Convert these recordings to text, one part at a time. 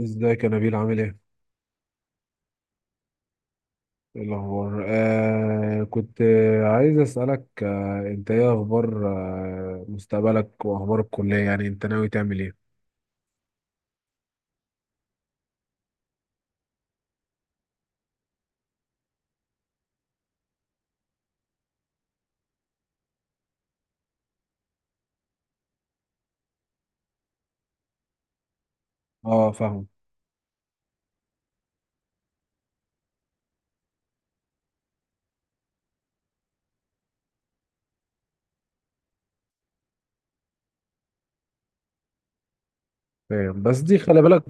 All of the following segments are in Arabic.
ازيك يا نبيل، عامل ايه؟ ايه الأخبار؟ كنت، عايز أسألك، أنت إيه أخبار مستقبلك وأخبار الكلية، يعني أنت ناوي تعمل إيه؟ أه، فاهم فاهم، بس دي خلي بالك.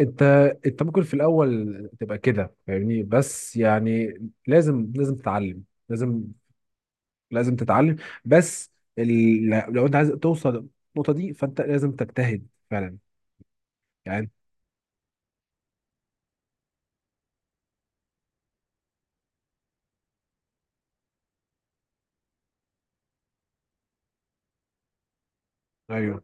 أنت أنت ممكن في الأول تبقى كده، فاهمني، بس يعني لازم لازم تتعلم، لازم لازم تتعلم بس ال... لو أنت عايز توصل النقطة دي فأنت لازم تجتهد فعلا يعني. أيوه.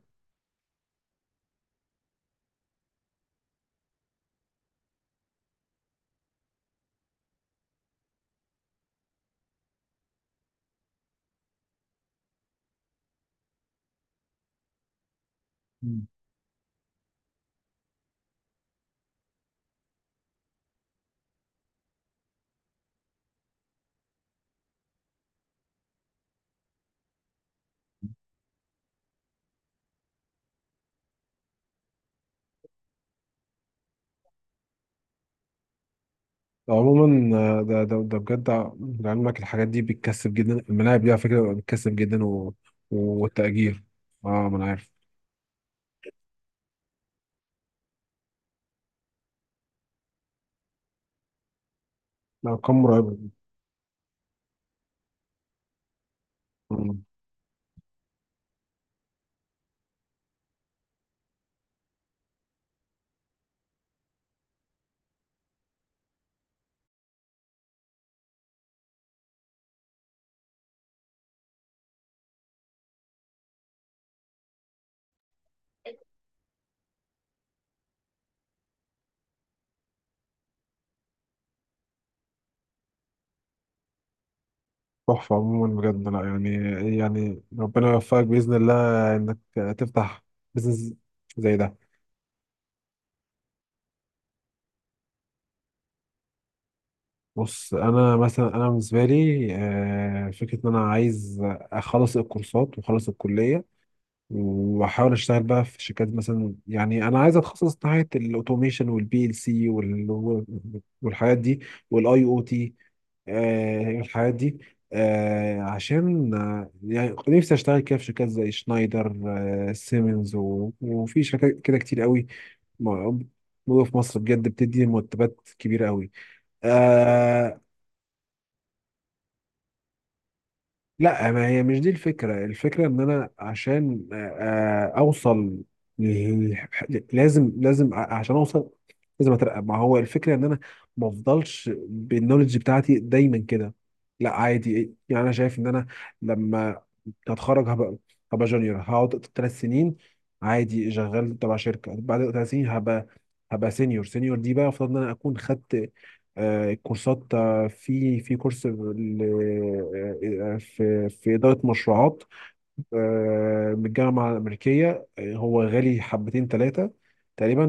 عموما ده ده ده بجد، لعلمك الحاجات دي بتكسب جدا، الملاعب دي على فكره بتكسب جدا والتأجير. اه، ما انا عارف. لا، ارقام مرعبه. مم. تحفه. عموما بجد، لا يعني ربنا يوفقك باذن الله انك تفتح بزنس زي ده. بص، انا مثلا انا بالنسبه لي فكره ان انا عايز اخلص الكورسات واخلص الكليه، واحاول اشتغل بقى في شركات مثلا، يعني انا عايز اتخصص ناحيه الاوتوميشن والبي ال سي والحاجات دي، والاي او تي الحاجات دي. عشان يعني نفسي اشتغل كده في شركات زي شنايدر، سيمنز وفي شركات كده كتير قوي موجوده في مصر بجد، بتدي مرتبات كبيره قوي. لا، ما هي مش دي الفكرة. الفكرة ان انا عشان اوصل، ل- لازم لازم، عشان اوصل لازم اترقى. ما هو الفكرة ان انا ما افضلش بالنولج بتاعتي دايما كده. لا عادي، يعني انا شايف ان انا لما اتخرج هبقى، هبقى جونيور، هقعد 3 سنين عادي شغال تبع شركة. بعد 3 سنين هبقى هبقى سينيور. سينيور دي بقى المفروض ان انا اكون خدت كورسات. في كورس في إدارة مشروعات، من الجامعة الأمريكية. هو غالي حبتين ثلاثة تقريبا،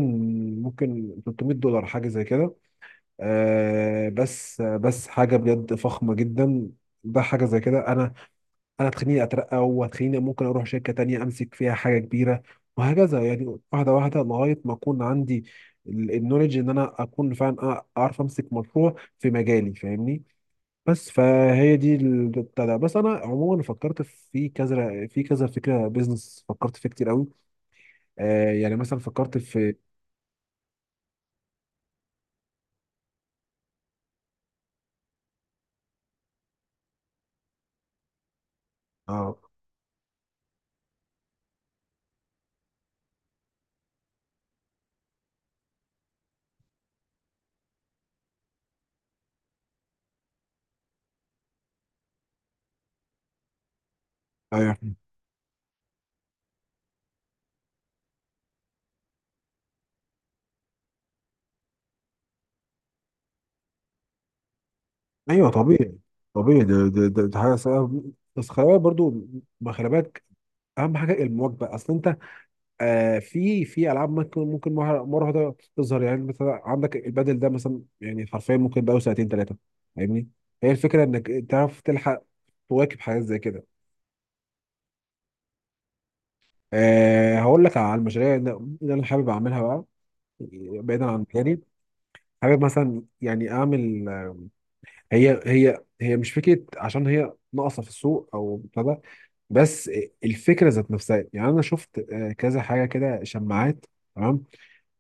ممكن 300 دولار حاجة زي كده. بس حاجة بجد فخمة جدا. ده حاجة زي كده. أنا هتخليني أترقى، وهتخليني ممكن أروح شركة تانية أمسك فيها حاجة كبيرة، وهكذا، يعني واحدة واحدة لغاية ما أكون عندي النولج إن أنا أكون فعلا أعرف أمسك مشروع في مجالي، فاهمني. بس فهي دي بتاع ده. بس انا عموما فكرت في كذا في كذا فكره بيزنس، فكرت فيه كتير قوي. يعني مثلا فكرت في... اه، ايوه ايوه، طبيعي طبيعي. ده حاجه صعبة. بس خلي بالك برضو، ما خلي بالك اهم حاجه المواكبه، اصل انت في العاب، ممكن مرة واحده تظهر، يعني مثلا عندك البادل ده مثلا يعني، حرفيا ممكن بقى سنتين ثلاثه، فاهمني. هي الفكره انك تعرف تلحق، تواكب حاجات زي كده. أه، هقول لك على المشاريع اللي انا حابب اعملها بقى بعيدا عن مجالي. حابب مثلا يعني اعمل هي مش فكره عشان هي ناقصه في السوق او ابتدى، بس الفكره ذات نفسها. يعني انا شفت كذا حاجه كده، شماعات، تمام،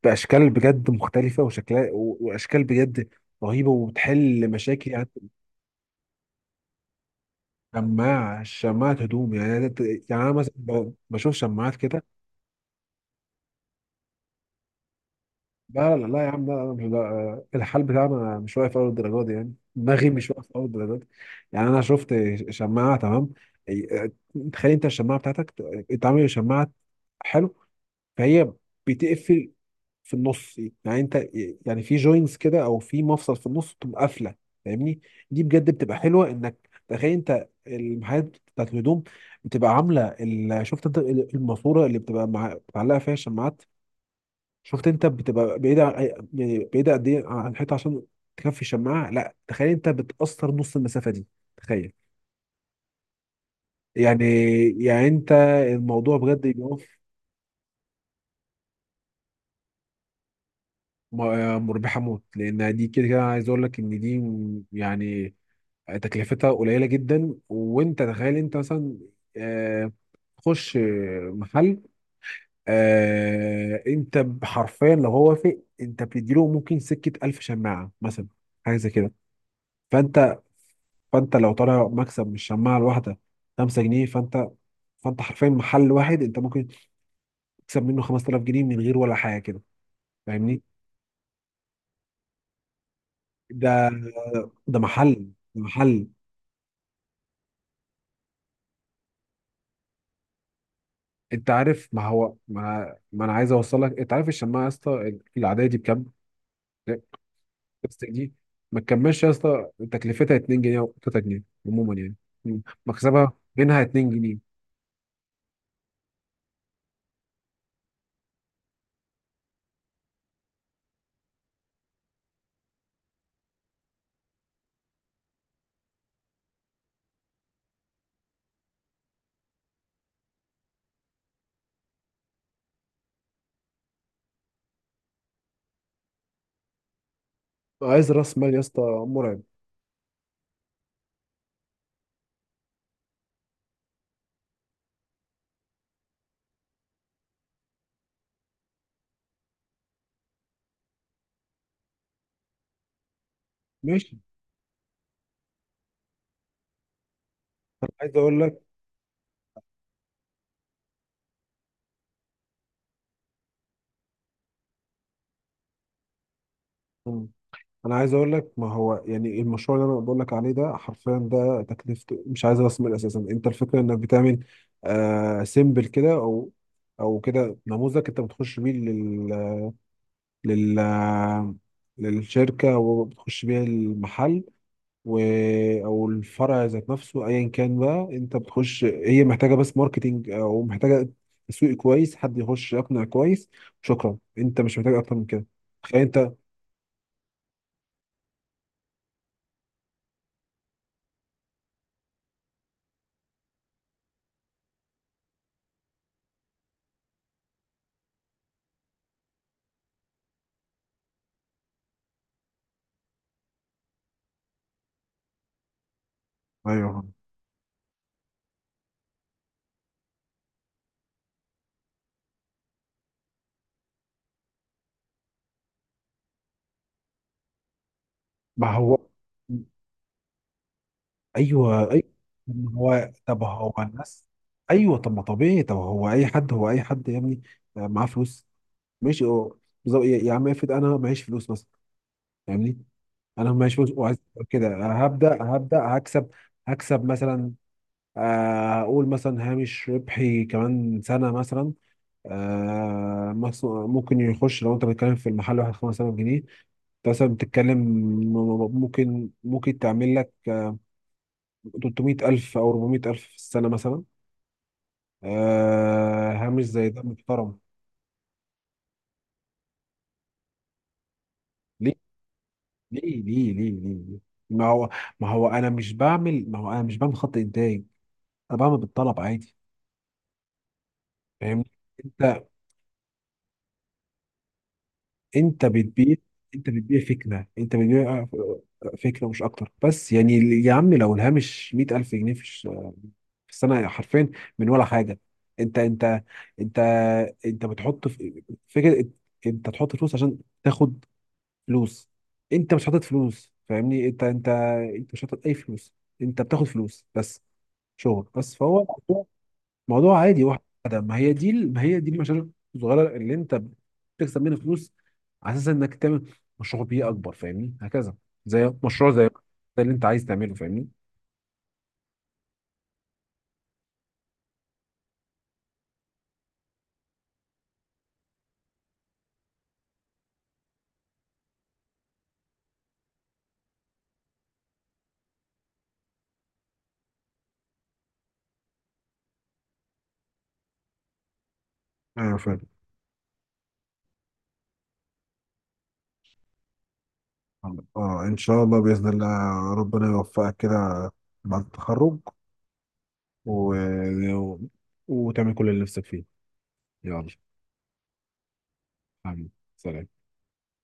باشكال بجد مختلفه وشكلها واشكال بجد رهيبه وبتحل مشاكل يعني. شماعه هدوم، يعني يعني انا مثلا بشوف شماعات كده. لا لا لا يا عم، لا انا مش، لا الحال بتاعنا مش واقف اول الدرجه دي، يعني دماغي مش واقف اول الدرجه دي. يعني انا شفت شماعه، تمام، إيه، تخيل انت الشماعه بتاعتك اتعمل شماعه، حلو، فهي بتقفل في النص، يعني انت يعني في جوينتس كده او في مفصل في النص بتبقى قافله، فاهمني. دي بجد بتبقى حلوه، انك تخيل انت المحلات بتاعت الهدوم بتبقى عامله شفت انت الماسوره اللي بتبقى معلقه فيها الشماعات. شفت انت بتبقى بعيدة يعني بعيدة قد ايه عن الحيطة عشان تكفي الشماعة، لا تخيل انت بتأثر نص المسافة دي، تخيل يعني يعني انت الموضوع بجد يقف. مربحة موت، لان دي كده كده عايز اقول لك ان دي يعني تكلفتها قليلة جدا، وانت تخيل انت مثلا آه، تخش محل. انت حرفيا لو هو وافق انت بتديله ممكن سكة 1000 شماعة مثلا، حاجة زي كده. فانت فانت لو طالع مكسب من الشماعه الواحده 5 جنيه، فانت حرفيا محل واحد انت ممكن تكسب منه 5000 جنيه من غير ولا حاجه كده، فاهمني. ده ده محل، ده محل. انت عارف، ما هو ما انا عايز اوصل لك، انت عارف الشماعه يا اسطى العاديه دي بكام؟ بلاستيك دي، ما تكملش يا اسطى تكلفتها 2 جنيه او 3 جنيه عموما يعني. مم. مكسبها منها 2 جنيه. عايز راس مال يا اسطى مرعب، ماشي. عايز اقول لك انا عايز اقول لك، ما هو يعني المشروع اللي انا بقول لك عليه ده حرفيا، ده تكلفته مش عايز راس مال اساسا. انت الفكره انك بتعمل سيمبل كده، او كده نموذج، انت بتخش بيه لل للشركه وبتخش بيه المحل، و او الفرع ذات نفسه ايا كان بقى. انت بتخش هي محتاجه بس ماركتينج او محتاجه تسويق كويس، حد يخش يقنع كويس، شكرا، انت مش محتاج اكتر من كده. تخيل انت. ايوه، ما هو. ايوه ايوه، طب ما هو، طب هو الناس. ايوه، طب ما طبيعي، طب هو اي حد، هو اي حد يا ابني، معاه فلوس، ماشي. هو بالظبط يا عم، افرض انا معيش فلوس مثلا، فاهمني. انا معيش فلوس وعايز كده، هبدا هكسب هكسب مثلا. اقول مثلا هامش ربحي كمان سنه مثلا، ممكن يخش، لو انت بتتكلم في المحل واحد 5000 جنيه، انت مثلا بتتكلم ممكن تعمل لك 300000 او 400000 في السنه مثلا، هامش زي ده محترم. ليه ليه ليه ليه ليه؟ ما هو، ما هو انا مش بعمل ما هو انا مش بعمل خط انتاج، انا بعمل بالطلب عادي، فاهمني. انت انت بتبيع انت بتبيع فكره، مش اكتر، بس يعني يا عم لو الهامش 100000 جنيه في السنه، حرفيا من ولا حاجه. انت انت انت انت بتحط في فكره، انت تحط فلوس عشان تاخد فلوس، انت مش حاطط فلوس، فاهمني. انت مش حاطط اي فلوس، انت بتاخد فلوس بس، شغل بس، فهو موضوع، عادي واحد ده. ما هي دي ما هي دي المشاريع الصغيره اللي انت بتكسب منها فلوس، على اساس انك تعمل مشروع بيه اكبر، فاهمني، هكذا. زي مشروع زي ده اللي انت عايز تعمله، فاهمني. ايوه فاهم. اه، ان شاء الله، باذن الله ربنا يوفقك كده بعد التخرج، و... و... وتعمل كل اللي نفسك فيه. يلا، حبيبي، سلام.